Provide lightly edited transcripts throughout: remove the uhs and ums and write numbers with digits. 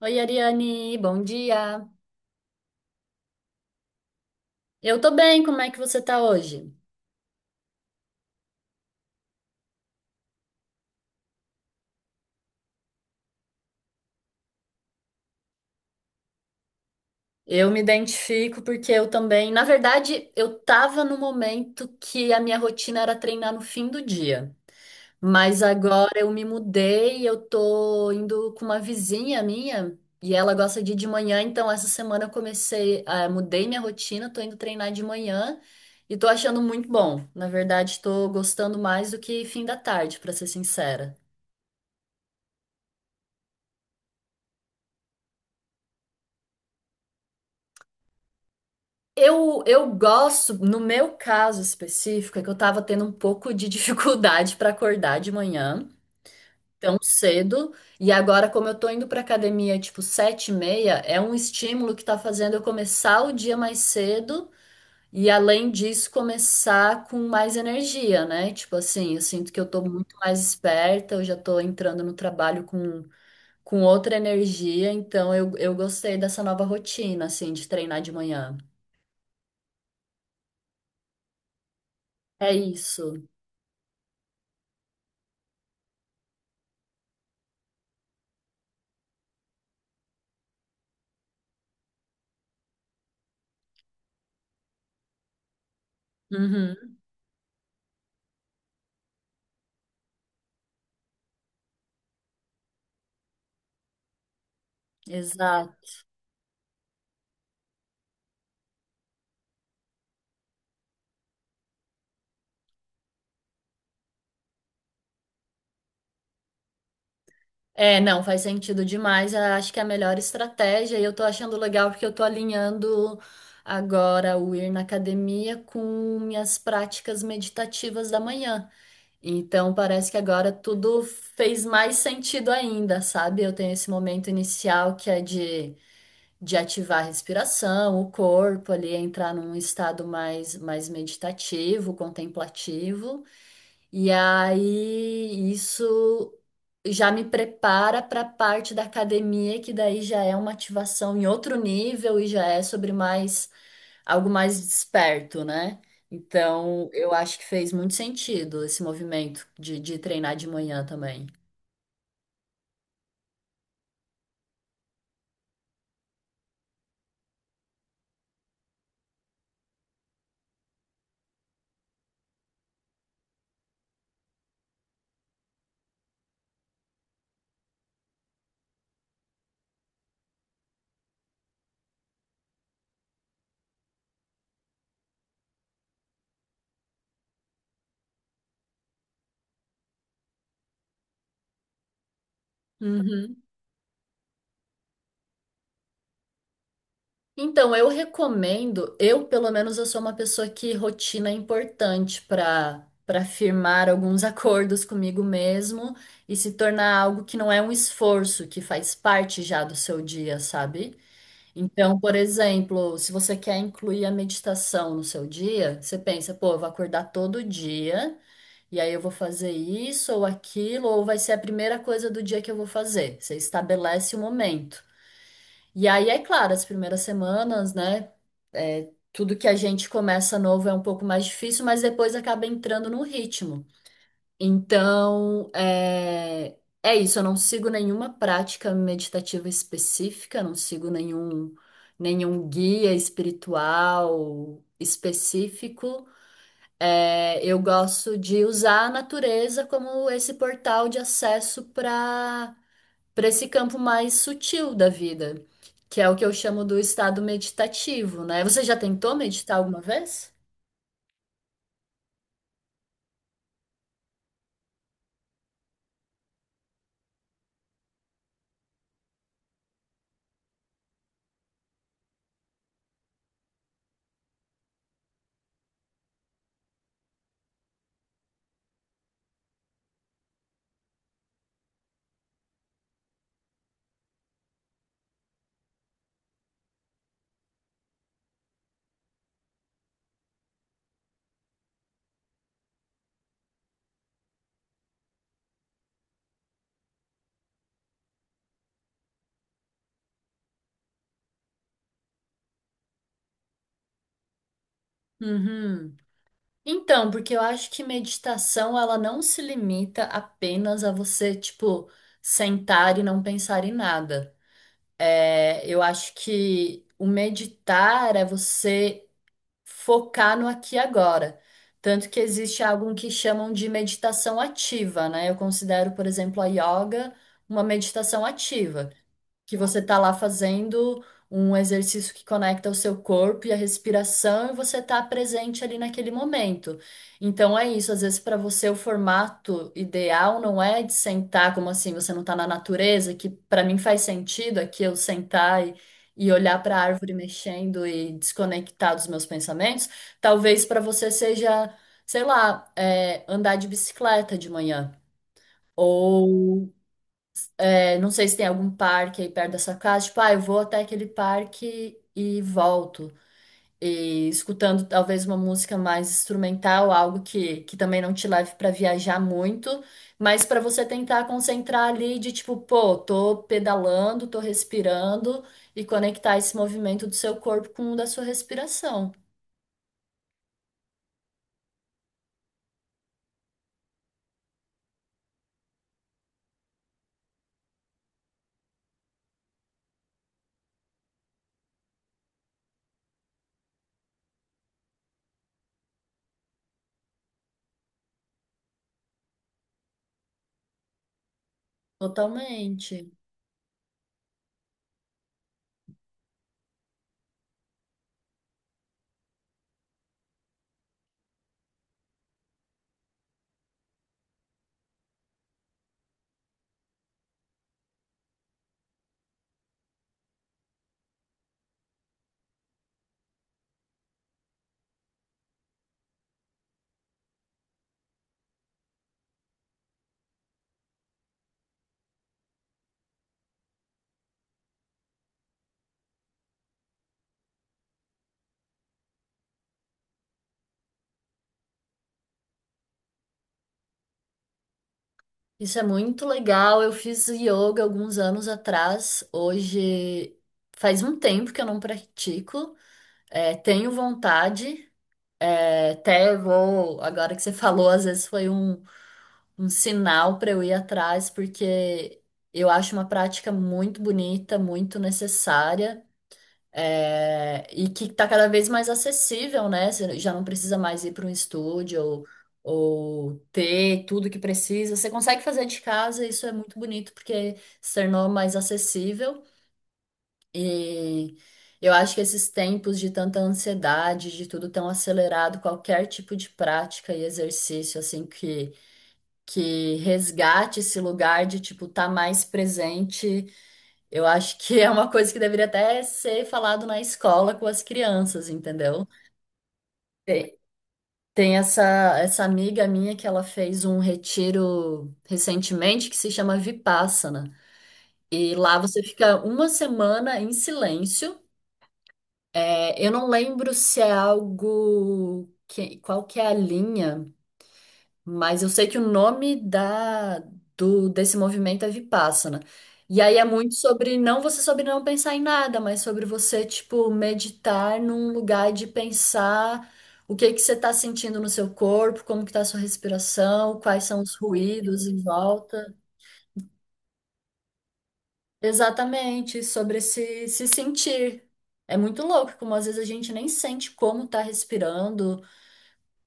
Oi, Ariane, bom dia. Eu tô bem, como é que você tá hoje? Eu me identifico porque eu também, na verdade, eu tava no momento que a minha rotina era treinar no fim do dia, mas agora eu me mudei, eu tô indo com uma vizinha minha e ela gosta de ir de manhã, então essa semana eu comecei, mudei minha rotina, tô indo treinar de manhã e tô achando muito bom. Na verdade, tô gostando mais do que fim da tarde, pra ser sincera. Eu gosto, no meu caso específico, é que eu tava tendo um pouco de dificuldade para acordar de manhã, tão cedo, e agora, como eu tô indo pra academia tipo 7:30, é um estímulo que tá fazendo eu começar o dia mais cedo e, além disso, começar com mais energia, né? Tipo assim, eu sinto que eu tô muito mais esperta, eu já tô entrando no trabalho com outra energia, então eu gostei dessa nova rotina, assim, de treinar de manhã. É isso. Uhum. Exato. É, não, faz sentido demais. Eu acho que é a melhor estratégia e eu tô achando legal porque eu tô alinhando agora o ir na academia com minhas práticas meditativas da manhã. Então parece que agora tudo fez mais sentido ainda, sabe? Eu tenho esse momento inicial que é de ativar a respiração, o corpo ali, entrar num estado mais, mais meditativo, contemplativo. E aí isso já me prepara para a parte da academia, que daí já é uma ativação em outro nível e já é sobre mais algo mais desperto, né? Então, eu acho que fez muito sentido esse movimento de treinar de manhã também. Uhum. Então, eu recomendo, eu pelo menos eu sou uma pessoa que rotina é importante para firmar alguns acordos comigo mesmo e se tornar algo que não é um esforço, que faz parte já do seu dia, sabe? Então, por exemplo, se você quer incluir a meditação no seu dia, você pensa, pô, eu vou acordar todo dia e aí eu vou fazer isso ou aquilo, ou vai ser a primeira coisa do dia que eu vou fazer. Você estabelece o momento. E aí, é claro, as primeiras semanas, né? É, tudo que a gente começa novo é um pouco mais difícil, mas depois acaba entrando no ritmo. Então, é, é isso. Eu não sigo nenhuma prática meditativa específica, não sigo nenhum, nenhum guia espiritual específico. É, eu gosto de usar a natureza como esse portal de acesso para para esse campo mais sutil da vida, que é o que eu chamo do estado meditativo, né? Você já tentou meditar alguma vez? Uhum. Então, porque eu acho que meditação ela não se limita apenas a você, tipo, sentar e não pensar em nada. É, eu acho que o meditar é você focar no aqui e agora. Tanto que existe algo que chamam de meditação ativa, né? Eu considero, por exemplo, a yoga uma meditação ativa. Que você tá lá fazendo um exercício que conecta o seu corpo e a respiração e você tá presente ali naquele momento. Então é isso, às vezes para você o formato ideal não é de sentar como assim, você não tá na natureza, que para mim faz sentido aqui eu sentar e olhar para a árvore mexendo e desconectar dos meus pensamentos, talvez para você seja, sei lá, é, andar de bicicleta de manhã, ou é, não sei se tem algum parque aí perto da sua casa, tipo, ah, eu vou até aquele parque e volto. E escutando talvez uma música mais instrumental, algo que também não te leve para viajar muito, mas para você tentar concentrar ali de tipo, pô, tô pedalando, tô respirando e conectar esse movimento do seu corpo com o da sua respiração. Totalmente. Isso é muito legal. Eu fiz yoga alguns anos atrás. Hoje faz um tempo que eu não pratico. É, tenho vontade, é, até vou. Agora que você falou, às vezes foi um, um sinal para eu ir atrás, porque eu acho uma prática muito bonita, muito necessária, é, e que está cada vez mais acessível, né? Você já não precisa mais ir para um estúdio ou ter tudo que precisa. Você consegue fazer de casa, e isso é muito bonito, porque se tornou mais acessível. E eu acho que esses tempos de tanta ansiedade, de tudo tão acelerado, qualquer tipo de prática e exercício, assim, que resgate esse lugar de, tipo, estar tá mais presente, eu acho que é uma coisa que deveria até ser falado na escola com as crianças, entendeu? Tem, tem essa, essa amiga minha que ela fez um retiro recentemente que se chama Vipassana. E lá você fica uma semana em silêncio. É, eu não lembro se é algo que, qual que é a linha, mas eu sei que o nome da do desse movimento é Vipassana. E aí é muito sobre não você sobre não pensar em nada, mas sobre você tipo meditar num lugar de pensar o que que você está sentindo no seu corpo, como que está a sua respiração, quais são os ruídos em volta. Exatamente, sobre se sentir. É muito louco, como às vezes a gente nem sente como tá respirando.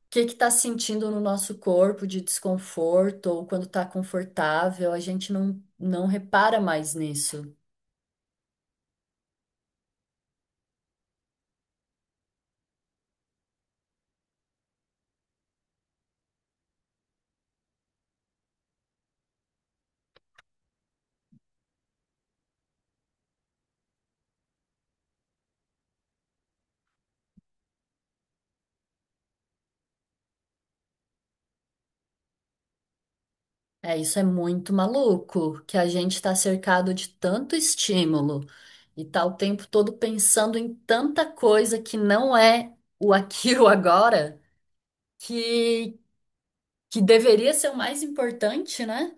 Que tá sentindo no nosso corpo de desconforto ou quando tá confortável, a gente não, não repara mais nisso. É, isso é muito maluco, que a gente tá cercado de tanto estímulo e tá o tempo todo pensando em tanta coisa que não é o aqui e o agora, que, que deveria ser o mais importante, né?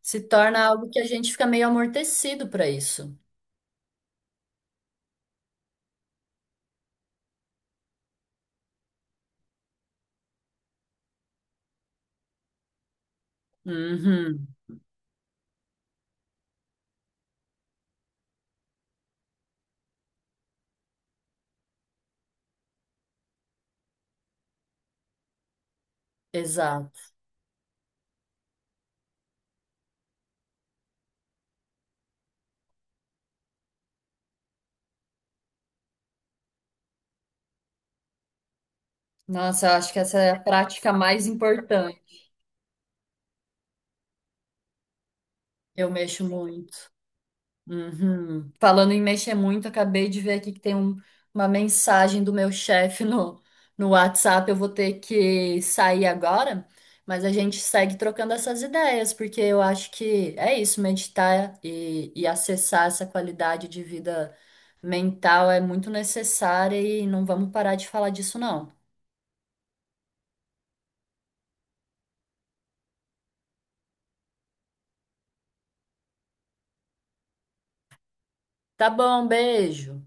Se torna algo que a gente fica meio amortecido para isso. Uhum, exato. Nossa, eu acho que essa é a prática mais importante. Eu mexo muito. Uhum. Falando em mexer muito, acabei de ver aqui que tem um- uma mensagem do meu chefe no, no WhatsApp. Eu vou ter que sair agora, mas a gente segue trocando essas ideias, porque eu acho que é isso, meditar e acessar essa qualidade de vida mental é muito necessária e não vamos parar de falar disso, não. Tá bom, beijo.